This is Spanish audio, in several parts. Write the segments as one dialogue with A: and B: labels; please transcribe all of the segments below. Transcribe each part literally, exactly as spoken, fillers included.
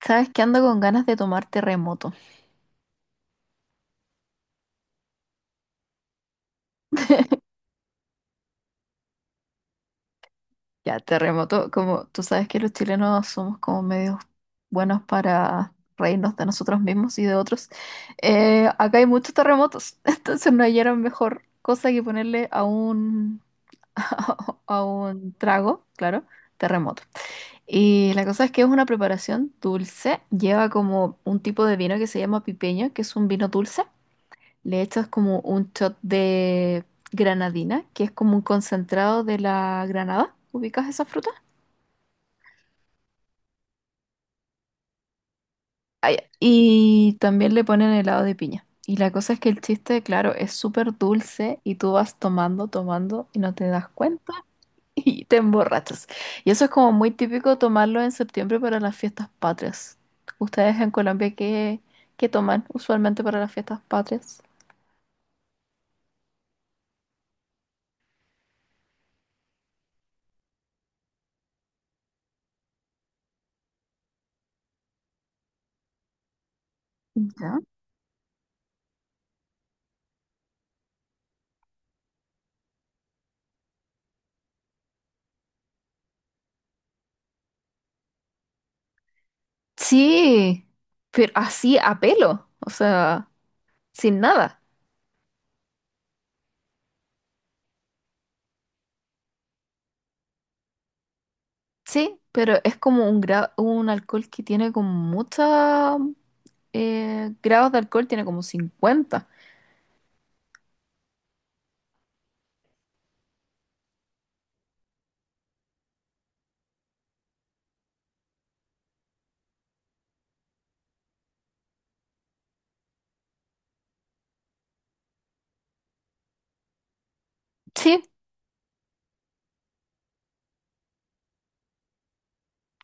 A: Sabes que ando con ganas de tomar terremoto. Ya, terremoto, como tú sabes que los chilenos somos como medios buenos para reírnos de nosotros mismos y de otros. Eh, acá hay muchos terremotos, entonces no hallaron mejor cosa que ponerle a un, a un trago, claro, terremoto. Y la cosa es que es una preparación dulce, lleva como un tipo de vino que se llama pipeño, que es un vino dulce. Le echas como un shot de granadina, que es como un concentrado de la granada. ¿Ubicas esa fruta? Ah, ya. Y también le ponen helado de piña. Y la cosa es que el chiste, claro, es súper dulce y tú vas tomando, tomando y no te das cuenta y te emborrachas. Y eso es como muy típico tomarlo en septiembre para las fiestas patrias. ¿Ustedes en Colombia qué, qué toman usualmente para las fiestas patrias? Ya. Sí, pero así a pelo. O sea, sin nada. Sí, pero es como un, gra- un alcohol que tiene como mucha eh, grados de alcohol, tiene como cincuenta. Sí,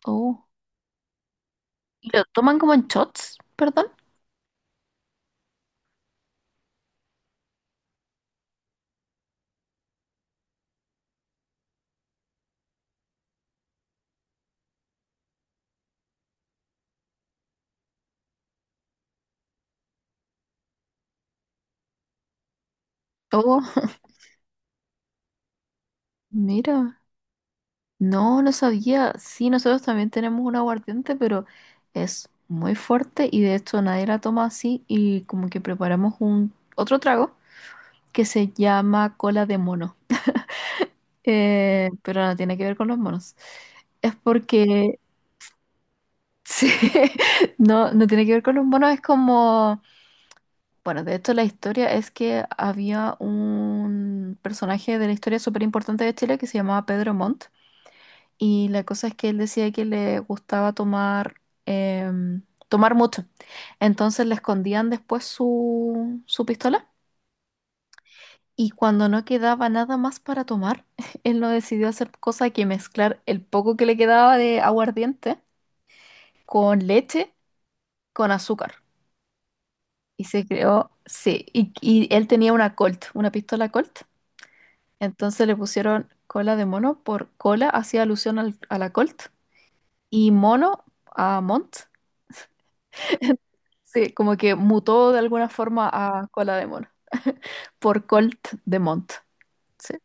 A: oh, ¿y lo toman como en shots, perdón? Oh, mira, no, no sabía. Sí, nosotros también tenemos un aguardiente, pero es muy fuerte y de hecho nadie la toma así y como que preparamos un otro trago que se llama cola de mono. Eh, pero no tiene que ver con los monos. Es porque, sí, no, no tiene que ver con los monos, es como, bueno, de hecho la historia es que había un personaje de la historia súper importante de Chile que se llamaba Pedro Montt y la cosa es que él decía que le gustaba tomar, em, tomar mucho, entonces le escondían después su, su pistola y cuando no quedaba nada más para tomar, él no decidió hacer cosa que mezclar el poco que le quedaba de aguardiente con leche, con azúcar. Y se creó, sí, y, y él tenía una Colt, una pistola Colt. Entonces le pusieron cola de mono por cola, hacía alusión al- a la Colt, y mono a Mont. Sí, como que mutó de alguna forma a cola de mono, por Colt de Mont. Sí,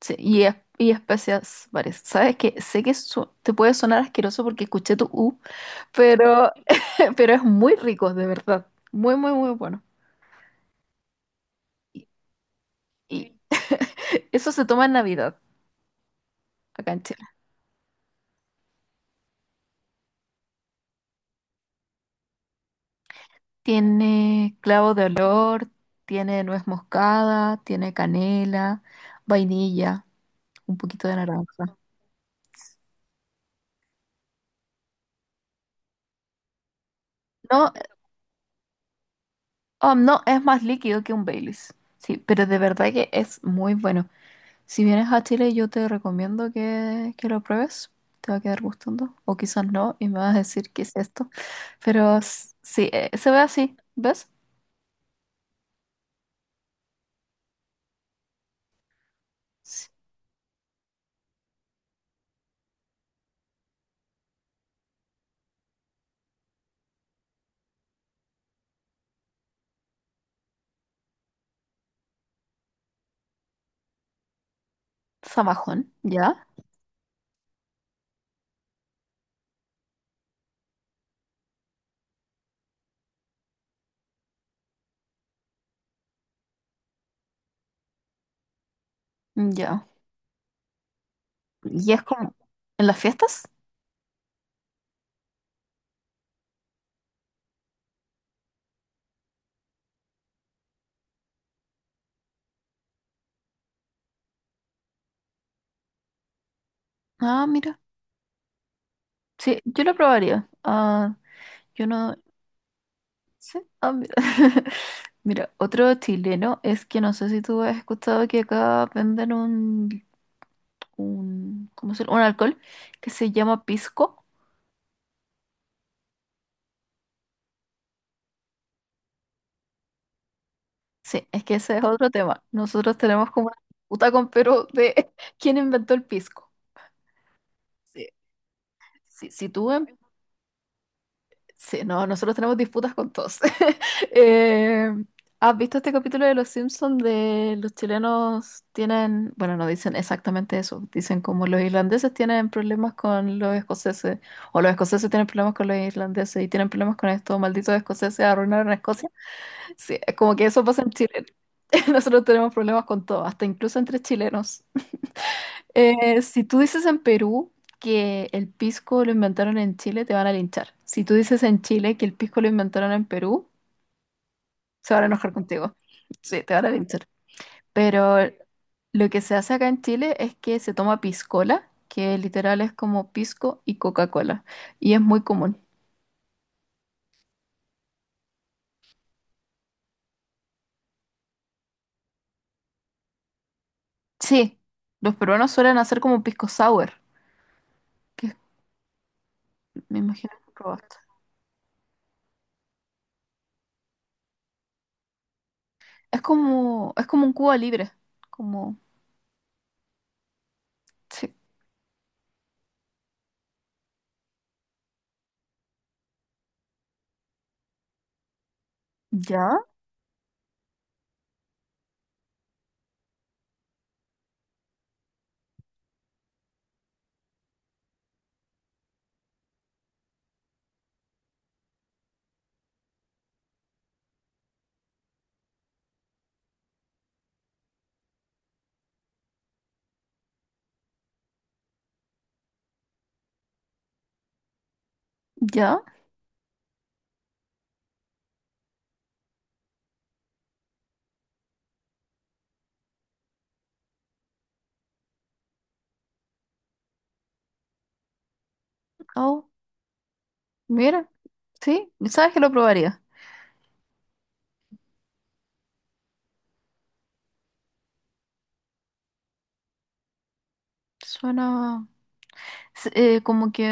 A: sí, y, es- y especias varias. Sabes que sé que su- te puede sonar asqueroso porque escuché tu U, pero, pero es muy rico, de verdad. Muy, muy, muy bueno. Y, y eso se toma en Navidad, acá en Chile. Tiene clavo de olor, tiene nuez moscada, tiene canela, vainilla, un poquito de naranja. No, oh, no, es más líquido que un Baileys. Sí, pero de verdad que es muy bueno. Si vienes a Chile, yo te recomiendo que, que lo pruebes. Te va a quedar gustando. O quizás no, y me vas a decir qué es esto. Pero s- sí, eh, se ve así, ¿ves? S- ¿Zamajón, ya? Ya. ¿Y es como en las fiestas? Ah, mira. Sí, yo lo probaría. Ah, yo no. Sí. Ah, mira. Mira, otro chileno es que no sé si tú has escuchado que acá venden un, un, ¿cómo se llama? Un alcohol que se llama pisco. Sí, es que ese es otro tema. Nosotros tenemos como una disputa con Perú de quién inventó el pisco. Sí. Si, si tú en sí, no, nosotros tenemos disputas con todos. Eh, ¿has visto este capítulo de Los Simpsons de los chilenos tienen, bueno, no dicen exactamente eso, dicen como los irlandeses tienen problemas con los escoceses, o los escoceses tienen problemas con los irlandeses y tienen problemas con estos malditos escoceses arruinaron a Escocia? Sí, es como que eso pasa en Chile. Nosotros tenemos problemas con todo, hasta incluso entre chilenos. Eh, si tú dices en Perú que el pisco lo inventaron en Chile, te van a linchar. Si tú dices en Chile que el pisco lo inventaron en Perú, se van a enojar contigo. Sí, te van a linchar. Pero lo que se hace acá en Chile es que se toma piscola, que literal es como pisco y Coca-Cola. Y es muy común. Sí, los peruanos suelen hacer como pisco sour, que es- me imagino que probaste. Es como, es como un Cuba libre. Como, sí. ¿Ya? ¿Ya? Oh. Mira, sí, sabes que lo probaría. Suena s- eh, como que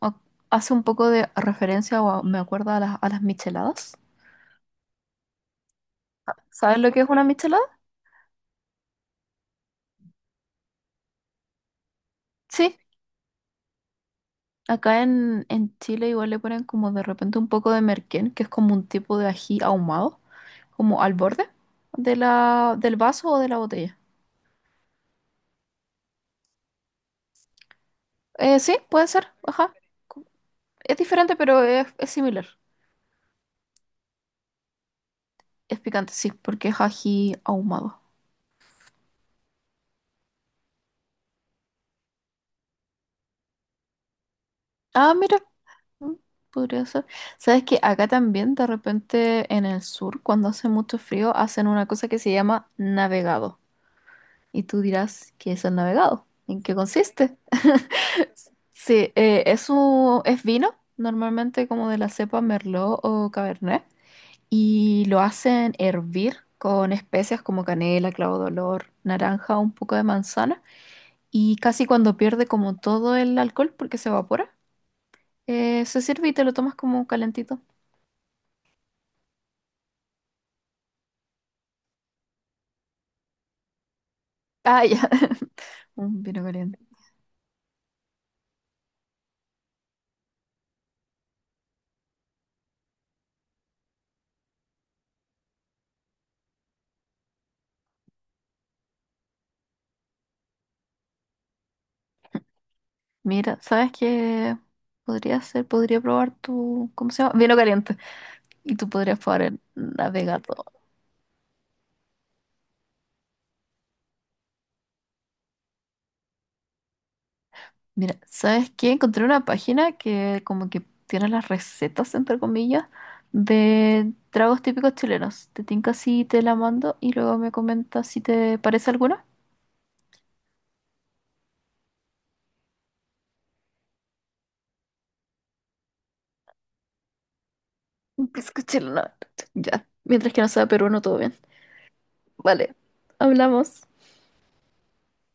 A: a- hace un poco de referencia o a- me acuerda a las, a las micheladas. ¿Sabes lo que es una michelada? Sí, acá en, en Chile igual le ponen como de repente un poco de merquén, que es como un tipo de ají ahumado, como al borde de la, del vaso o de la botella. Eh, sí, puede ser, ajá. Co- Es diferente, pero es, es similar. Es picante, sí, porque es ají ahumado. Ah, mira. Mm, podría ser. ¿Sabes que acá también de repente en el sur, cuando hace mucho frío, hacen una cosa que se llama navegado? Y tú dirás, ¿qué es el navegado? ¿En qué consiste? Sí, eh, es un- es vino, normalmente como de la cepa Merlot o Cabernet, y lo hacen hervir con especias como canela, clavo de olor, naranja, un poco de manzana, y casi cuando pierde como todo el alcohol porque se evapora, eh, se sirve y te lo tomas como calentito. Ah, ya. Un vino caliente. Mira, ¿sabes qué podría hacer? Podría probar tu, ¿cómo se llama? Vino caliente. Y tú podrías probar el navegador. Mira, ¿sabes qué? Encontré una página que como que tiene las recetas, entre comillas, de tragos típicos chilenos. Te tinca si te la mando y luego me comentas si te parece alguna. Un pisco chileno. Ya. Mientras que no sea peruano, todo bien. Vale. Hablamos.